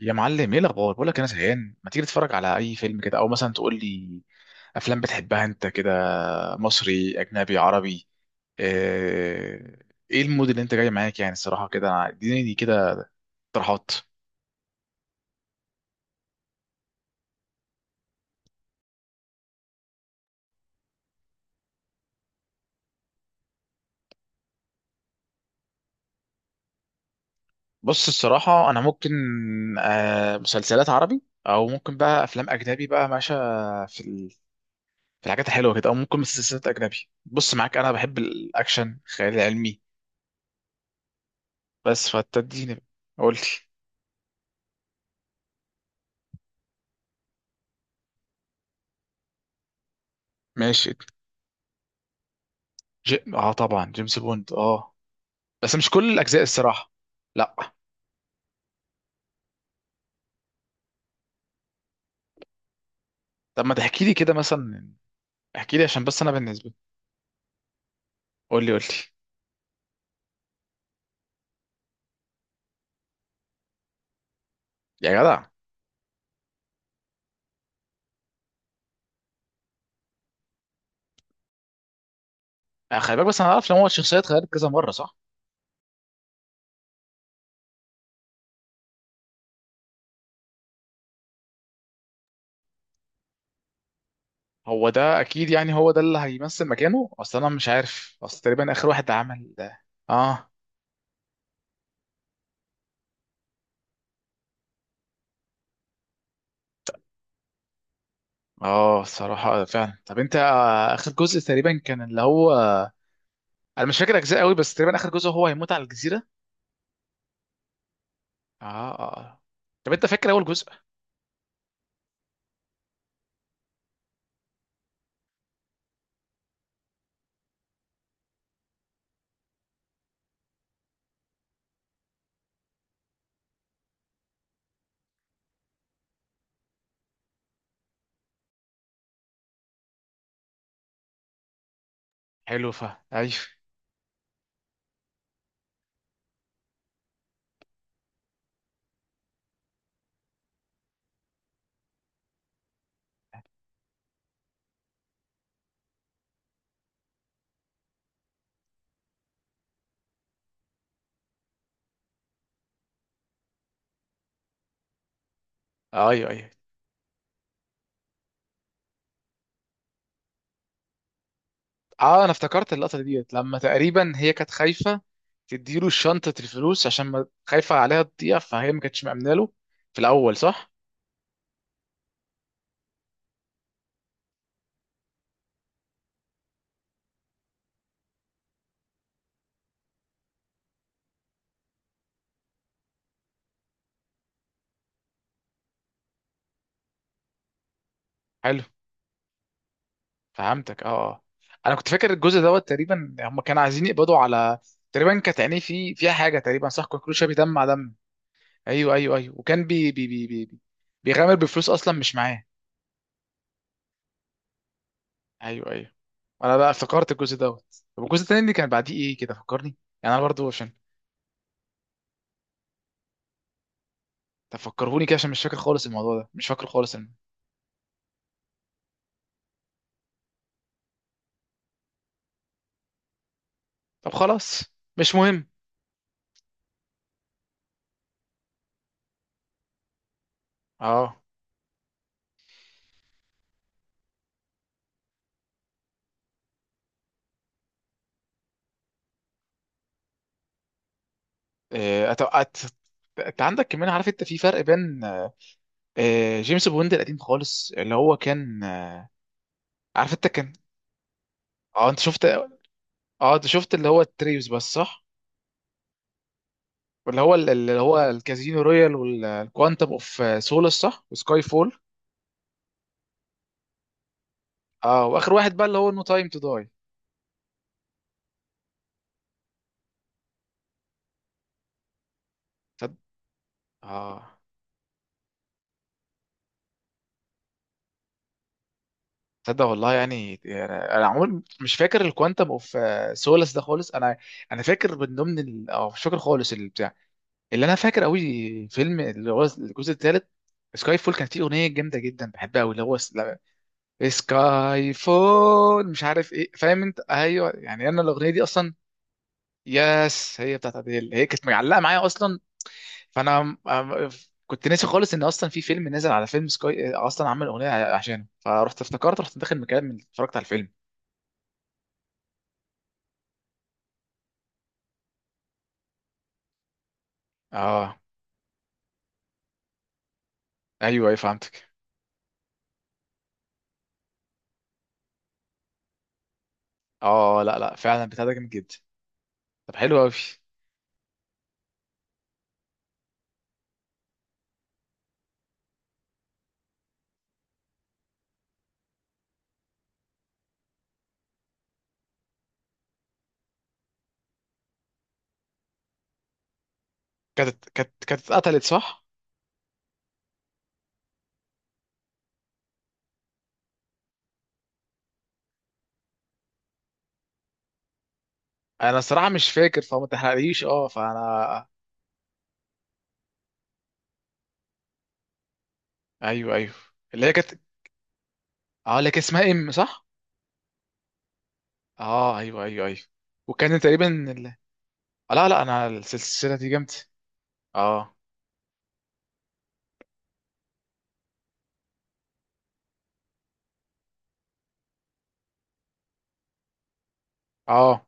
يا معلم، ايه الاخبار؟ بقول لك انا زهقان، ما تيجي تتفرج على اي فيلم كده، او مثلا تقول لي افلام بتحبها انت كده، مصري اجنبي عربي؟ آه، ايه المود اللي انت جاي معاك؟ يعني الصراحه كده اديني دي كده اقتراحات. بص، الصراحه انا ممكن مسلسلات عربي، او ممكن بقى افلام اجنبي بقى، ماشي في ال- في الحاجات الحلوه كده، او ممكن مسلسلات اجنبي. بص، معاك انا بحب الاكشن، الخيال العلمي، بس فتديني. قول لي. ماشي. اه طبعا جيمس بوند، اه. بس مش كل الاجزاء الصراحه. لا. طب ما تحكي لي كده مثلا؟ احكي لي عشان بس انا بالنسبه. قول لي، قول لي. يا جدع. خلي بالك، بس انا عارف ان هو الشخصيات اتغيرت كذا مره، صح؟ هو ده اكيد، يعني هو ده اللي هيمثل مكانه. اصل انا مش عارف، اصل تقريبا اخر واحد عمل ده. اه، اه. الصراحه فعلا. طب انت اخر جزء تقريبا كان اللي هو، انا مش فاكر اجزاء قوي، بس تقريبا اخر جزء هو هيموت على الجزيره. اه. اه، آه. طب انت فاكر اول جزء؟ حلو، فا ايوه. ايوه، ايوه. اه، انا افتكرت اللقطه ديت لما تقريبا هي كانت خايفه تديله شنطه الفلوس، عشان ما خايفه عليها تضيع، فهي ما كانتش مأمنه له في الاول، صح؟ حلو، فهمتك. اه، اه. انا كنت فاكر الجزء دوت، تقريبا هم كانوا عايزين يقبضوا على، تقريبا كانت عينيه في فيها حاجه تقريبا، صح؟ كان كل شويه بيدمع دم. ايوه، ايوه، ايوه. وكان بيغامر بفلوس اصلا مش معاه. ايوه، ايوه. انا بقى افتكرت الجزء دوت. طب الجزء التاني اللي كان بعديه ايه كده فكرني؟ يعني انا برضو عشان تفكرهوني كده، عشان مش فاكر خالص الموضوع ده، مش فاكر خالص. طب خلاص، مش مهم. اه. إيه، انت عندك كمان، عارف انت، في فرق بين جيمس بوند القديم خالص اللي هو كان، عارف انت كان. اه، انت شفت، اه، انت شفت اللي هو التريوس بس، صح؟ واللي هو اللي هو الكازينو رويال، والكوانتم اوف سولس، صح؟ وسكاي فول. اه، واخر واحد بقى اللي هو نو تايم تو داي. تصدق، اه. تصدق والله. يعني انا عمري مش فاكر الكوانتم اوف سولس ده خالص، انا. انا فاكر من ضمن اه مش فاكر خالص البتاع. اللي انا فاكر قوي فيلم اللي هو الجزء الثالث سكاي فول، كانت فيه اغنيه جامده جدا بحبها قوي، اللي هو لا، سكاي فول مش عارف ايه، فاهم انت، ايوه. يعني انا الاغنيه دي اصلا، يس، هي بتاعت اديل، هي كانت معلقه معايا اصلا. فانا أم- كنت ناسي خالص ان اصلا في فيلم نزل على فيلم سكاي، اصلا عمل اغنيه عشانه، فرحت افتكرت رحت داخل مكان من اتفرجت على الفيلم. اه، ايوه، ايوه، فهمتك. اه، لا، لا، فعلا بتاع ده جامد جدا. طب حلو قوي. كانت اتقتلت، صح؟ انا الصراحه مش فاكر، فما تحرقليش. اه، فانا، ايوه، ايوه، اللي هي كانت، اه اللي كانت اسمها ام، صح؟ اه، ايوه، ايوه، ايوه. وكان تقريبا آه، لا، لا، انا السلسله دي جامده. اه، اه.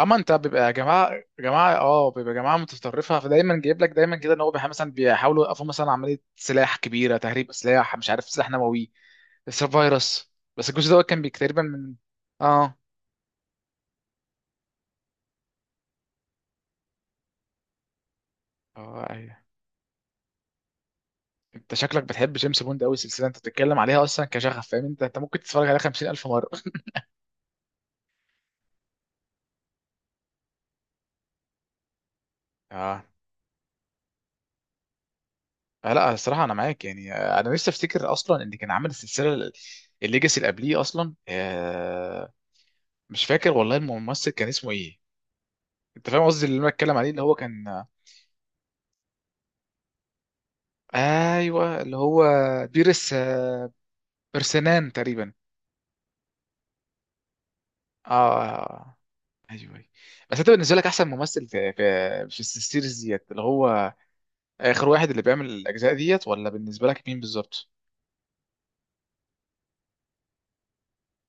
اما انت بيبقى جماعه جماعه اه بيبقى جماعه متطرفه، فدايما جايب لك دايما كده ان هو مثلا بيحاولوا يوقفوا مثلا عمليه سلاح كبيره، تهريب سلاح، مش عارف سلاح نووي، بس فيروس. بس الجزء ده كان تقريبا من. اه، اه، أيوة. انت شكلك بتحب جيمس بوند قوي، السلسله انت بتتكلم عليها اصلا كشغف، فاهم انت ممكن تتفرج عليها 50,000 مره. اه، لا الصراحه انا معاك، يعني انا لسه افتكر اصلا ان كان عامل السلسله الليجاسي اللي قبليه اصلا، مش فاكر والله الممثل كان اسمه ايه. انت فاهم قصدي اللي انا بتكلم عليه، اللي هو كان، ايوه اللي هو بيرس، برسنان تقريبا. اه، آه. ايوه، أيوة. بس انت بالنسبه لك احسن ممثل في السيريز ديت، اللي هو اخر واحد اللي بيعمل الاجزاء ديت، ولا بالنسبه لك مين بالظبط؟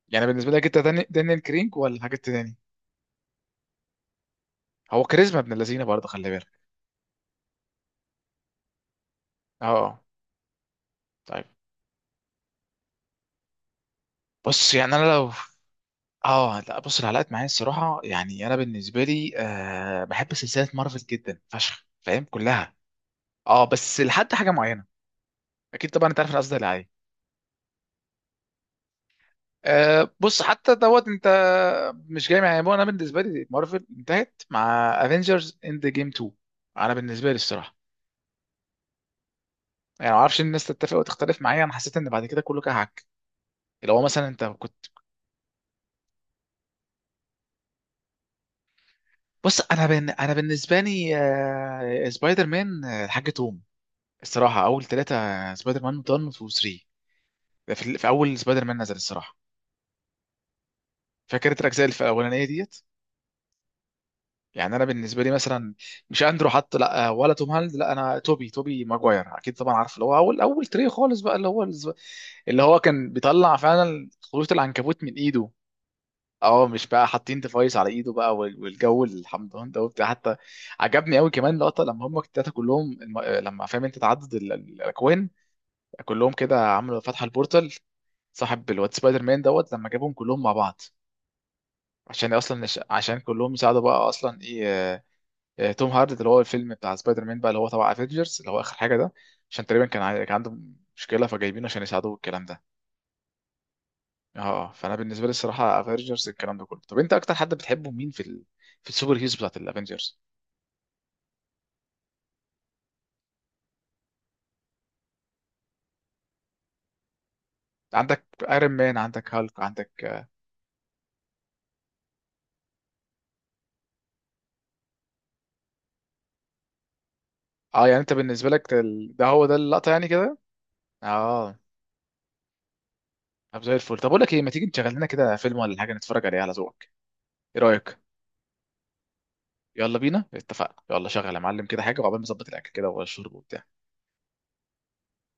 يعني بالنسبه لك انت دانيال كرينج، ولا حاجه تاني؟ هو كاريزما ابن اللذينه برضه، خلي بالك. اه. طيب، بص يعني انا لو، اه لا بص العلاقات معايا الصراحه، يعني انا بالنسبه لي بحب سلسله مارفل جدا فشخ، فاهم كلها. اه، بس لحد حاجه معينه. اكيد طبعا انت عارف انا قصدي على ايه. بص، حتى دوت انت مش جاي معايا. انا بالنسبه لي مارفل انتهت مع افنجرز اند جيم 2. انا بالنسبه لي الصراحه، يعني ما اعرفش، الناس تتفق وتختلف معايا، انا حسيت ان بعد كده كله كهك. اللي هو مثلا انت كنت، بص انا بالنسبه لي سبايدر مان، الحاج توم. الصراحه اول ثلاثه سبايدر مان 1 و 3، ده في اول سبايدر مان نزل الصراحه، فاكر التلات اجزاء الاولانيه ديت. يعني انا بالنسبه لي مثلا، مش اندرو حتى، لا، ولا توم هولاند، لا، انا توبي، ماجواير اكيد طبعا، عارف اللي هو اول اول تري خالص بقى، اللي هو اللي هو كان بيطلع فعلا خيوط العنكبوت من ايده. اه، مش بقى حاطين ديفايس على ايده بقى، والجو الحمضان ده وبتاع حتى. عجبني قوي كمان لقطه لما هم التلاته كلهم، لما فاهم انت تعدد الاكوان، كلهم كده عملوا فتحه البورتال، صاحب الواد سبايدر مان دوت لما جابهم كلهم مع بعض عشان اصلا عشان كلهم يساعدوا بقى اصلا ايه، توم هاردي اللي هو الفيلم بتاع سبايدر مان بقى، اللي هو تبع افنجرز، اللي هو اخر حاجه ده. عشان تقريبا كان كان عنده مشكله فجايبينه عشان يساعدوه الكلام ده. اه، فانا بالنسبه لي الصراحه افنجرز الكلام ده كله. طب انت اكتر حد بتحبه مين في السوبر هيروز بتاعت الافنجرز؟ عندك ايرون مان، عندك هالك، عندك. اه، يعني انت بالنسبه لك ده ده هو ده اللقطه يعني كده. اه. طب زي الفل. طب اقول لك ايه، ما تيجي نشغل لنا كده فيلم ولا حاجه نتفرج عليه على ذوقك؟ ايه رايك؟ يلا بينا، اتفقنا. يلا شغل يا معلم كده حاجه، وعقبال ما نظبط الاكل كده والشرب وبتاع.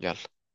يلا.